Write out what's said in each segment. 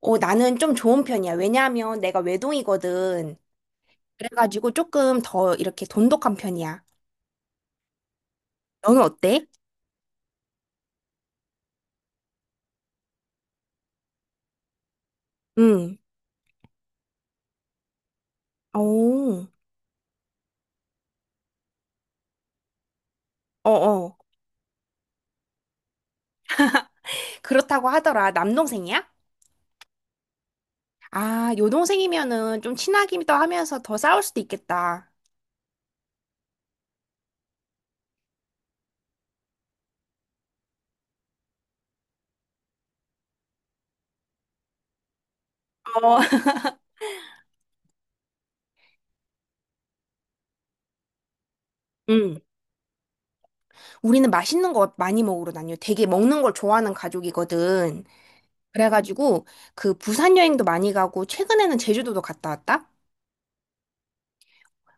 어, 나는 좀 좋은 편이야. 왜냐하면 내가 외동이거든. 그래가지고 조금 더 이렇게 돈독한 편이야. 너는 어때? 응. 오, 어어. 그렇다고 하더라. 남동생이야? 아, 여동생이면은 좀 친하기도 하면서 더 싸울 수도 있겠다. 어. 응. 우리는 맛있는 거 많이 먹으러 다녀. 되게 먹는 걸 좋아하는 가족이거든. 그래가지고 그 부산 여행도 많이 가고 최근에는 제주도도 갔다 왔다.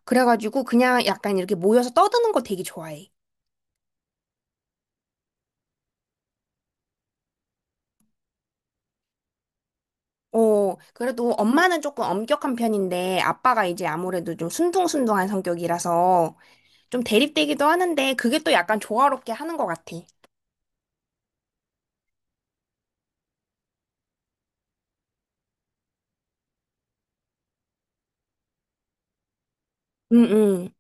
그래가지고 그냥 약간 이렇게 모여서 떠드는 거 되게 좋아해. 어, 그래도 엄마는 조금 엄격한 편인데 아빠가 이제 아무래도 좀 순둥순둥한 성격이라서 좀 대립되기도 하는데 그게 또 약간 조화롭게 하는 것 같아. 응, 응.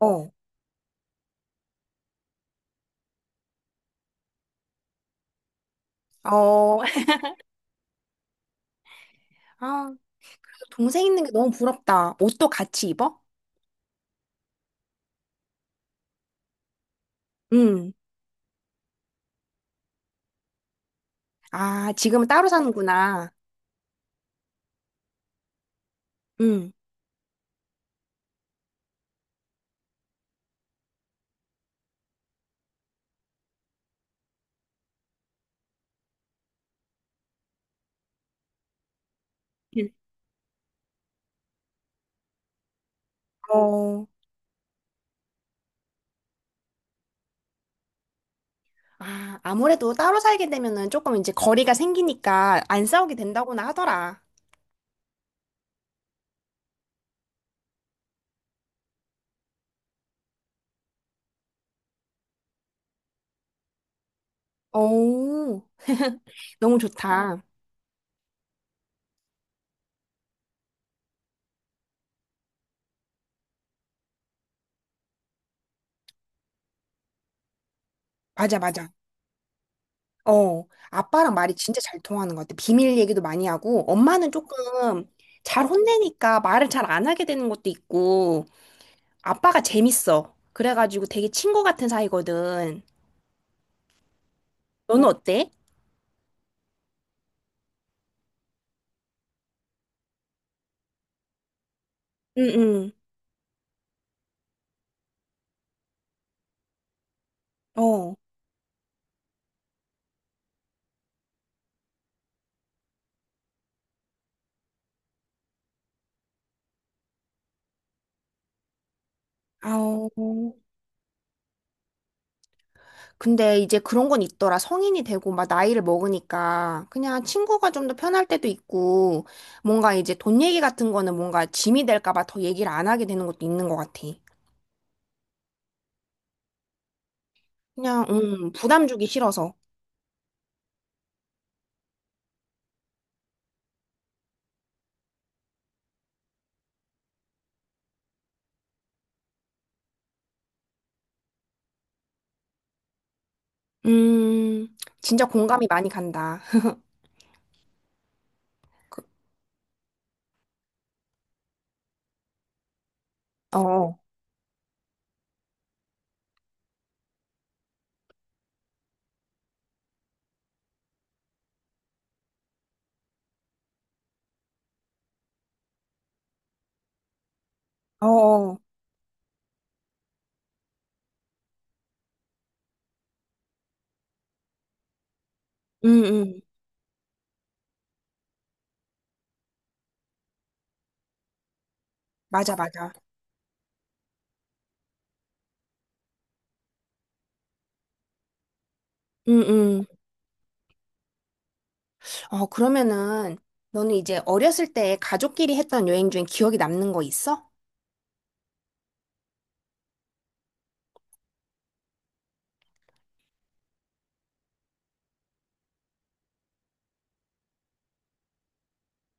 어, 어. 아, 동생 있는 게 너무 부럽다. 옷도 같이 입어? 응. 아, 지금은 따로 사는구나. 응. 어. 아, 아무래도 따로 살게 되면은 조금 이제 거리가 생기니까 안 싸우게 된다고나 하더라. 오. 너무 좋다. 맞아, 맞아. 어, 아빠랑 말이 진짜 잘 통하는 것 같아. 비밀 얘기도 많이 하고, 엄마는 조금 잘 혼내니까 말을 잘 안 하게 되는 것도 있고, 아빠가 재밌어. 그래가지고 되게 친구 같은 사이거든. 너는 어때? 응, 응. 어. 아우. 근데 이제 그런 건 있더라. 성인이 되고 막 나이를 먹으니까 그냥 친구가 좀 더 편할 때도 있고, 뭔가 이제 돈 얘기 같은 거는 뭔가 짐이 될까 봐 더 얘기를 안 하게 되는 것도 있는 것 같아. 그냥, 부담 주기 싫어서. 음, 진짜 공감이 많이 간다. 어, 어, 어. 음, 음, 맞아, 맞아. 음, 음. 어, 그러면은, 너는 이제 어렸을 때 가족끼리 했던 여행 중에 기억에 남는 거 있어?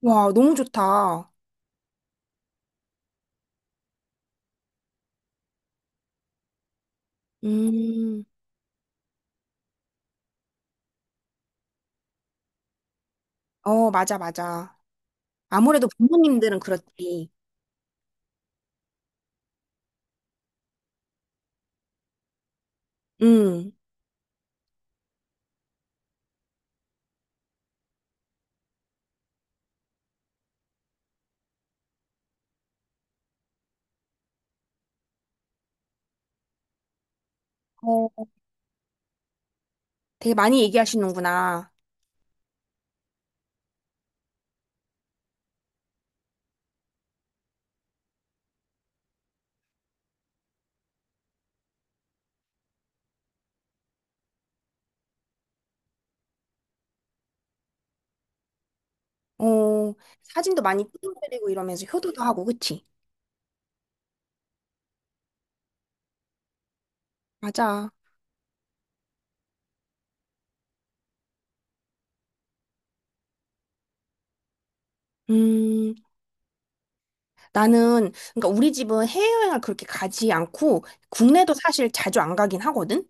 와, 너무 좋다. 음, 어, 맞아, 맞아. 아무래도 부모님들은 그렇지. 음, 어, 되게 많이 얘기하시는구나. 어, 사진도 많이 찍어드리고 이러면서 효도도 하고, 그치? 맞아. 음, 나는, 그러니까 우리 집은 해외여행을 그렇게 가지 않고 국내도 사실 자주 안 가긴 하거든?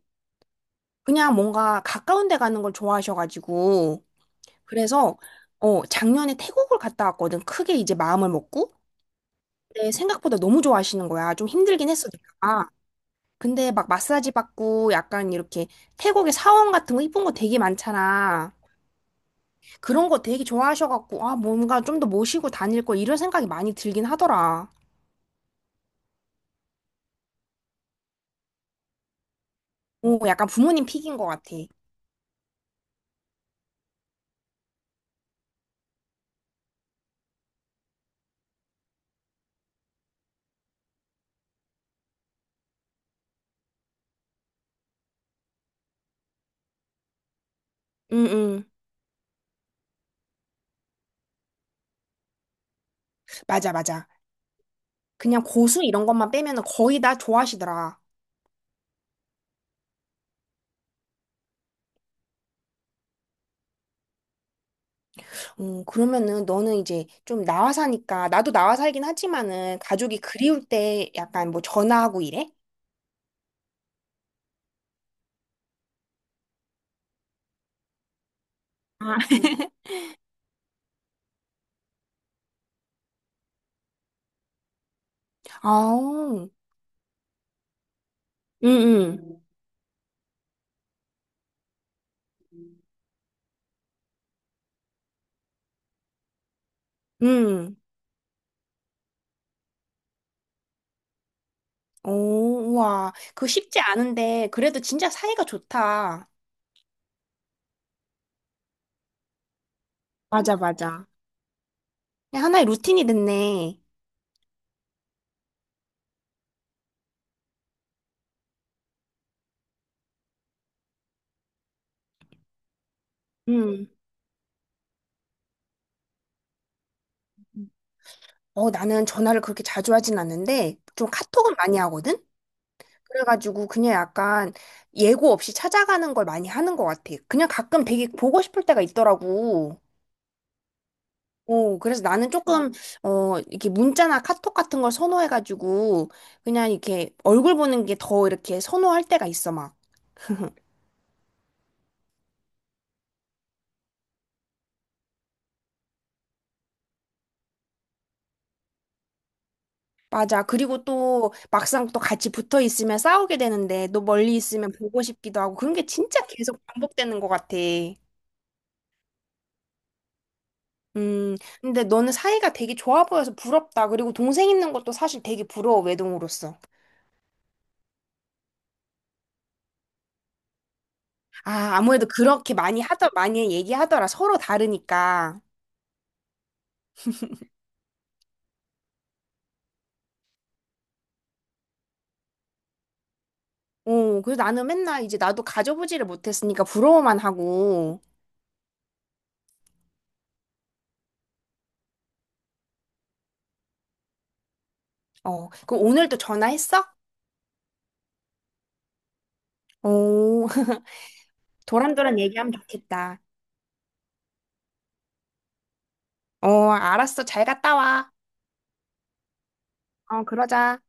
그냥 뭔가 가까운 데 가는 걸 좋아하셔가지고. 그래서, 어, 작년에 태국을 갔다 왔거든. 크게 이제 마음을 먹고. 근데 생각보다 너무 좋아하시는 거야. 좀 힘들긴 했어, 내가. 근데 막 마사지 받고 약간 이렇게 태국의 사원 같은 거 이쁜 거 되게 많잖아. 그런 거 되게 좋아하셔갖고, 아, 뭔가 좀 더 모시고 다닐 걸 이런 생각이 많이 들긴 하더라. 오, 약간 부모님 픽인 것 같아. 응, 응. 맞아, 맞아. 그냥 고수 이런 것만 빼면은 거의 다 좋아하시더라. 그러면은 너는 이제 좀 나와 사니까, 나도 나와 살긴 하지만은 가족이 그리울 때 약간 뭐 전화하고 이래? 아, 응, 응, 응. 오, 우와. 그거 쉽지 않은데, 그래도 진짜 사이가 좋다. 맞아, 맞아. 그냥 하나의 루틴이 됐네. 응. 어, 나는 전화를 그렇게 자주 하진 않는데, 좀 카톡은 많이 하거든? 그래가지고 그냥 약간 예고 없이 찾아가는 걸 많이 하는 것 같아. 그냥 가끔 되게 보고 싶을 때가 있더라고. 오, 그래서 나는 조금, 어, 이렇게 문자나 카톡 같은 걸 선호해가지고, 그냥 이렇게 얼굴 보는 게 더 이렇게 선호할 때가 있어, 막. 맞아. 그리고 또 막상 또 같이 붙어 있으면 싸우게 되는데, 또 멀리 있으면 보고 싶기도 하고, 그런 게 진짜 계속 반복되는 것 같아. 근데 너는 사이가 되게 좋아 보여서 부럽다. 그리고 동생 있는 것도 사실 되게 부러워, 외동으로서. 아, 아무래도 그렇게 많이 하더, 많이 얘기하더라. 서로 다르니까. 어, 그래서 나는 맨날 이제 나도 가져보지를 못했으니까 부러워만 하고. 어, 그럼 오늘 또 전화했어? 오 도란도란 얘기하면 좋겠다. 어, 알았어. 잘 갔다 와. 어, 그러자.